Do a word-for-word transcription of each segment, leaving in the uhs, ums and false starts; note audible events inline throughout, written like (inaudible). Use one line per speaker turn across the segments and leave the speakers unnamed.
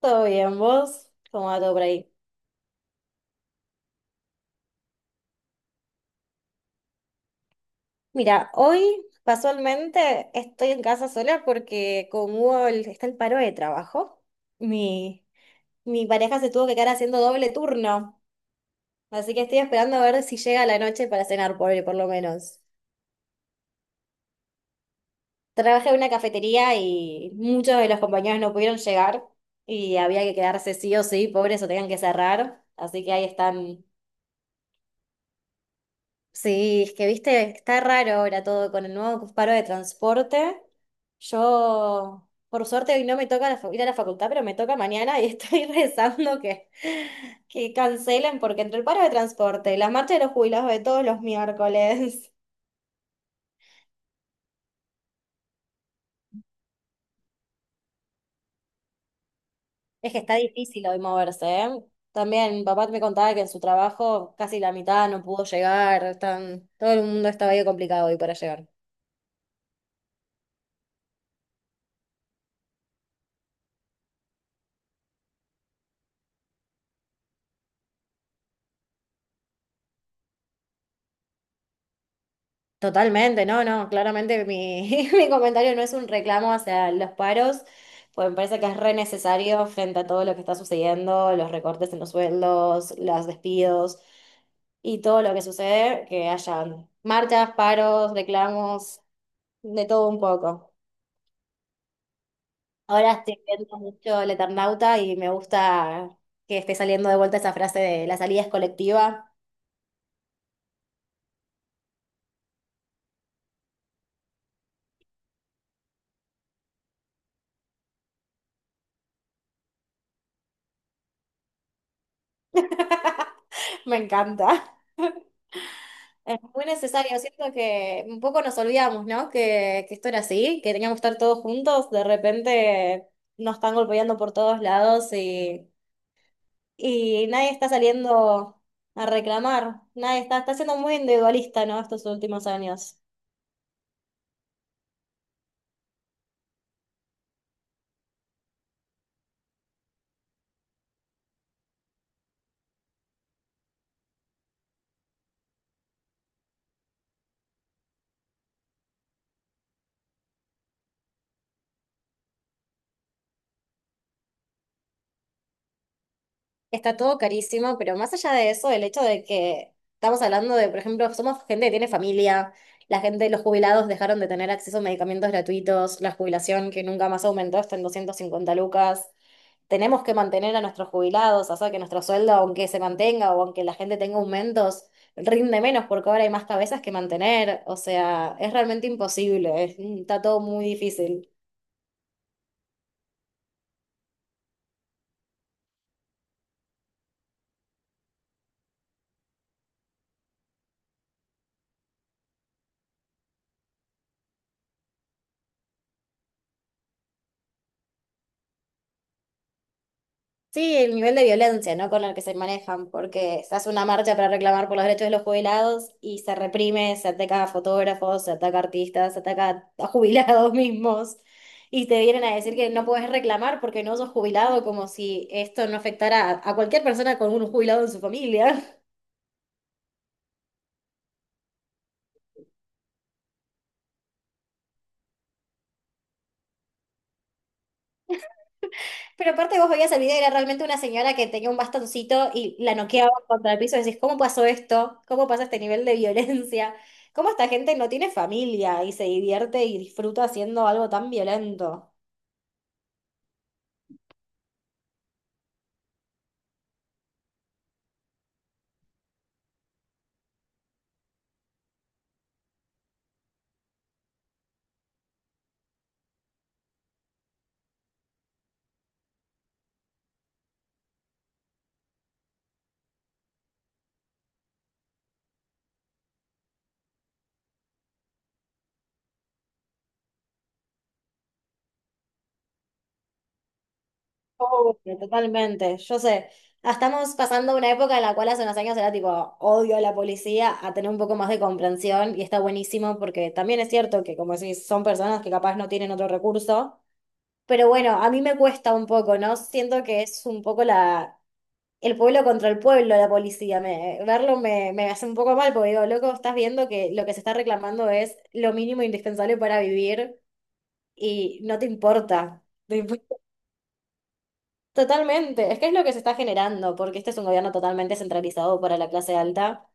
¿Todo bien, vos? ¿Cómo va todo por ahí? Mira, hoy casualmente estoy en casa sola porque como el- está el paro de trabajo, mi, mi pareja se tuvo que quedar haciendo doble turno, así que estoy esperando a ver si llega la noche para cenar, por, por lo menos. Trabajé en una cafetería y muchos de los compañeros no pudieron llegar y había que quedarse sí o sí, pobres o tenían que cerrar, así que ahí están. Sí, es que viste, está raro ahora todo con el nuevo paro de transporte. Yo, por suerte, hoy no me toca la fa- ir a la facultad, pero me toca mañana y estoy (laughs) rezando que, que cancelen, porque entre el paro de transporte, las marchas de los jubilados de todos los miércoles, (laughs) es que está difícil hoy moverse, ¿eh? También mi papá me contaba que en su trabajo casi la mitad no pudo llegar, están, todo el mundo estaba ahí complicado hoy para llegar. Totalmente, no, no, claramente mi, (laughs) mi comentario no es un reclamo hacia los paros, pues me parece que es re necesario frente a todo lo que está sucediendo, los recortes en los sueldos, los despidos y todo lo que sucede, que hayan marchas, paros, reclamos, de todo un poco. Ahora estoy viendo mucho El Eternauta y me gusta que esté saliendo de vuelta esa frase de la salida es colectiva. (laughs) Me encanta. Es muy necesario, siento que un poco nos olvidamos, ¿no? Que, que esto era así, que teníamos que estar todos juntos, de repente nos están golpeando por todos lados y, y nadie está saliendo a reclamar, nadie está, está siendo muy individualista, ¿no? Estos últimos años. Está todo carísimo, pero más allá de eso, el hecho de que estamos hablando de, por ejemplo, somos gente que tiene familia, la gente, los jubilados dejaron de tener acceso a medicamentos gratuitos, la jubilación que nunca más aumentó está en doscientos cincuenta lucas. Tenemos que mantener a nuestros jubilados, o sea, que nuestro sueldo, aunque se mantenga o aunque la gente tenga aumentos, rinde menos porque ahora hay más cabezas que mantener. O sea, es realmente imposible, es- está todo muy difícil. Sí, el nivel de violencia, ¿no? Con el que se manejan, porque se hace una marcha para reclamar por los derechos de los jubilados y se reprime, se ataca a fotógrafos, se ataca a artistas, se ataca a jubilados (laughs) mismos y te vienen a decir que no puedes reclamar porque no sos jubilado, como si esto no afectara a, a cualquier persona con un jubilado en su familia. Pero aparte vos veías el video y era realmente una señora que tenía un bastoncito y la noqueaba contra el piso y decís, ¿cómo pasó esto? ¿Cómo pasa este nivel de violencia? ¿Cómo esta gente no tiene familia y se divierte y disfruta haciendo algo tan violento? Oh, totalmente, yo sé. Estamos pasando una época en la cual hace unos años era tipo odio a la policía, a tener un poco más de comprensión y está buenísimo porque también es cierto que como decís, son personas que capaz no tienen otro recurso. Pero bueno, a mí me cuesta un poco, ¿no? Siento que es un poco la el pueblo contra el pueblo, la policía. Me, verlo me, me hace un poco mal, porque digo, loco, estás viendo que lo que se está reclamando es lo mínimo indispensable para vivir y no te importa. Tipo, totalmente, es que es lo que se está generando, porque este es un gobierno totalmente centralizado para la clase alta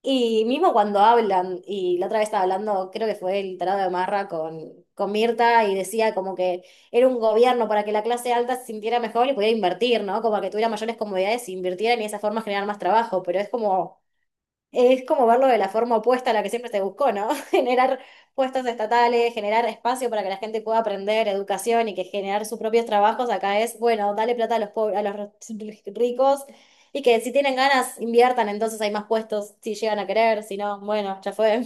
y mismo cuando hablan, y la otra vez estaba hablando, creo que fue el tarado de Marra con, con Mirta, y decía como que era un gobierno para que la clase alta se sintiera mejor y pudiera invertir, ¿no? Como que tuviera mayores comodidades e invirtiera y de esa forma generar más trabajo, pero es como es como verlo de la forma opuesta a la que siempre se buscó, ¿no? (laughs) Generar puestos estatales, generar espacio para que la gente pueda aprender educación y que generar sus propios trabajos. Acá es, bueno, dale plata a los pobres, a los r- ricos y que si tienen ganas inviertan, entonces hay más puestos si llegan a querer, si no, bueno, ya fue.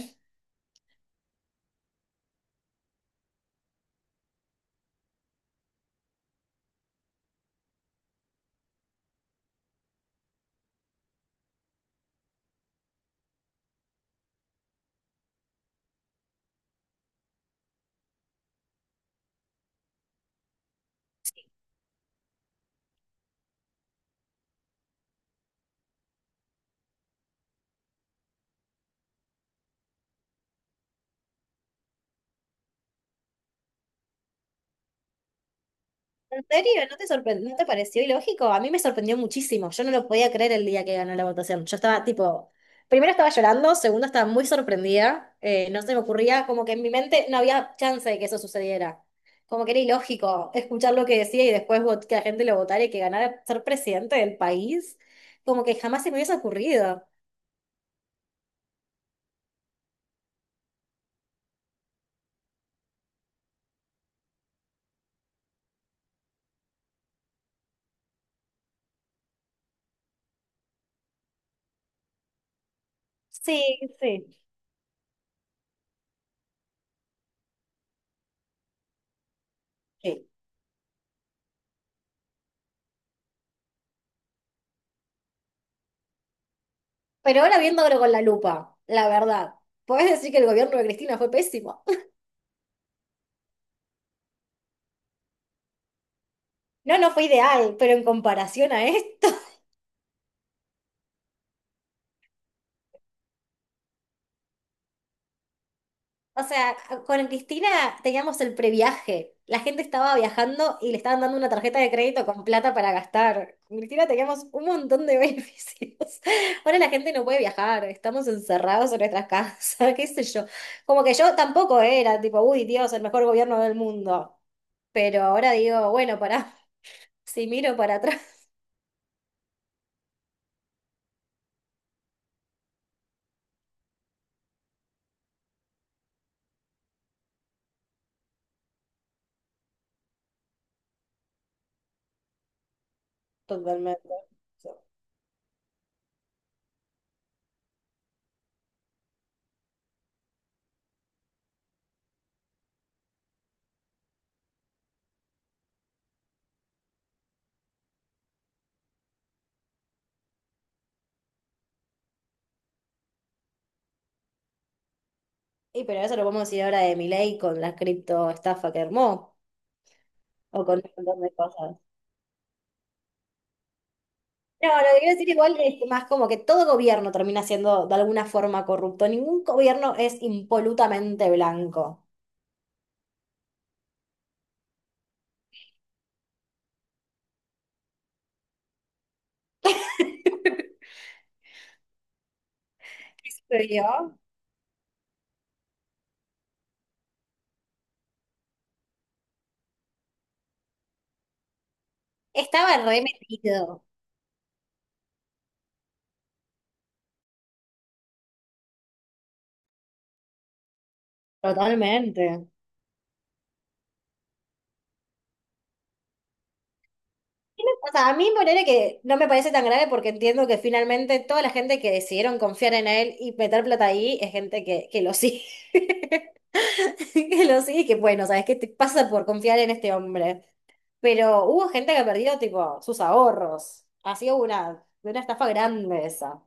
¿En serio? ¿No te sorpre- ¿no te pareció ilógico? A mí me sorprendió muchísimo. Yo no lo podía creer el día que ganó la votación. Yo estaba tipo, primero estaba llorando, segundo estaba muy sorprendida. Eh, no se me ocurría, como que en mi mente no había chance de que eso sucediera. Como que era ilógico escuchar lo que decía y después vot- que la gente lo votara y que ganara ser presidente del país. Como que jamás se me hubiese ocurrido. Sí, sí. Sí. Pero ahora viéndolo con la lupa, la verdad, ¿podés decir que el gobierno de Cristina fue pésimo? (laughs) No, no fue ideal, pero en comparación a esto. O sea, con Cristina teníamos el previaje. La gente estaba viajando y le estaban dando una tarjeta de crédito con plata para gastar. Con Cristina teníamos un montón de (laughs) beneficios. Ahora la gente no puede viajar, estamos encerrados en nuestras casas, (laughs) qué sé yo. Como que yo tampoco era tipo, uy, Dios, el mejor gobierno del mundo. Pero ahora digo, bueno, pará, (laughs) si miro para atrás. (laughs) Totalmente. Y pero eso lo podemos decir ahora de Milei con la criptoestafa que armó o con un montón de cosas. No, lo que quiero decir igual es más como que todo gobierno termina siendo de alguna forma corrupto. Ningún gobierno es impolutamente blanco. (laughs) ¿Se vio? Estaba remetido. Totalmente. no- O sea, a mí ponerle que no me parece tan grave porque entiendo que finalmente toda la gente que decidieron confiar en él y meter plata ahí es gente que, que lo sigue. (laughs) Que lo sigue y que bueno, ¿sabes qué te pasa por confiar en este hombre? Pero hubo gente que perdió, tipo, sus ahorros. Así hubo una, una estafa grande esa.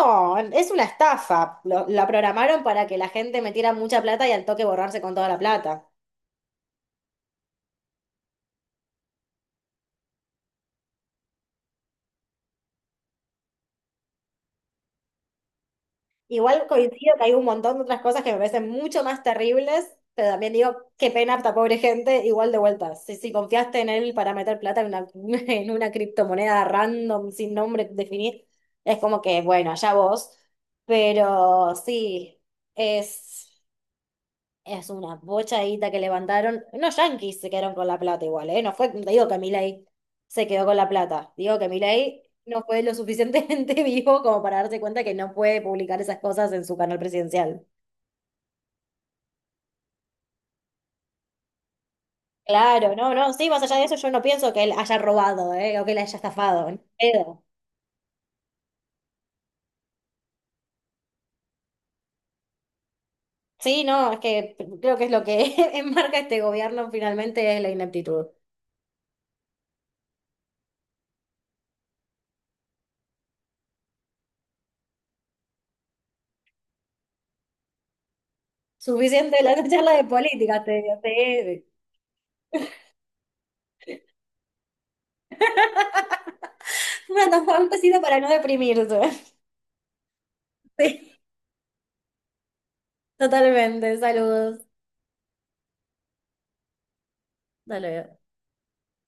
No, es una estafa. Lo- la programaron para que la gente metiera mucha plata y al toque borrarse con toda la plata. Igual coincido que hay un montón de otras cosas que me parecen mucho más terribles, pero también digo, qué pena esta pobre gente, igual de vuelta. Si, si confiaste en él para meter plata en una, (laughs) en una criptomoneda random, sin nombre definido, es como que, bueno, allá vos. Pero sí, es. Es una bochadita que levantaron. Unos yanquis se quedaron con la plata igual, ¿eh? No fue, te digo que Milei se quedó con la plata. Digo que Milei no fue lo suficientemente (laughs) vivo como para darse cuenta que no puede publicar esas cosas en su canal presidencial. Claro, no, no, sí, más allá de eso, yo no pienso que él haya robado, ¿eh? O que él haya estafado, ni pedo. Sí, no, es que creo que es lo que (laughs) enmarca este gobierno finalmente es la ineptitud. Suficiente la charla de política, te digo, sí. (laughs) Una tapabocas para no deprimirse. (laughs) Sí, totalmente. Saludos. Hasta luego.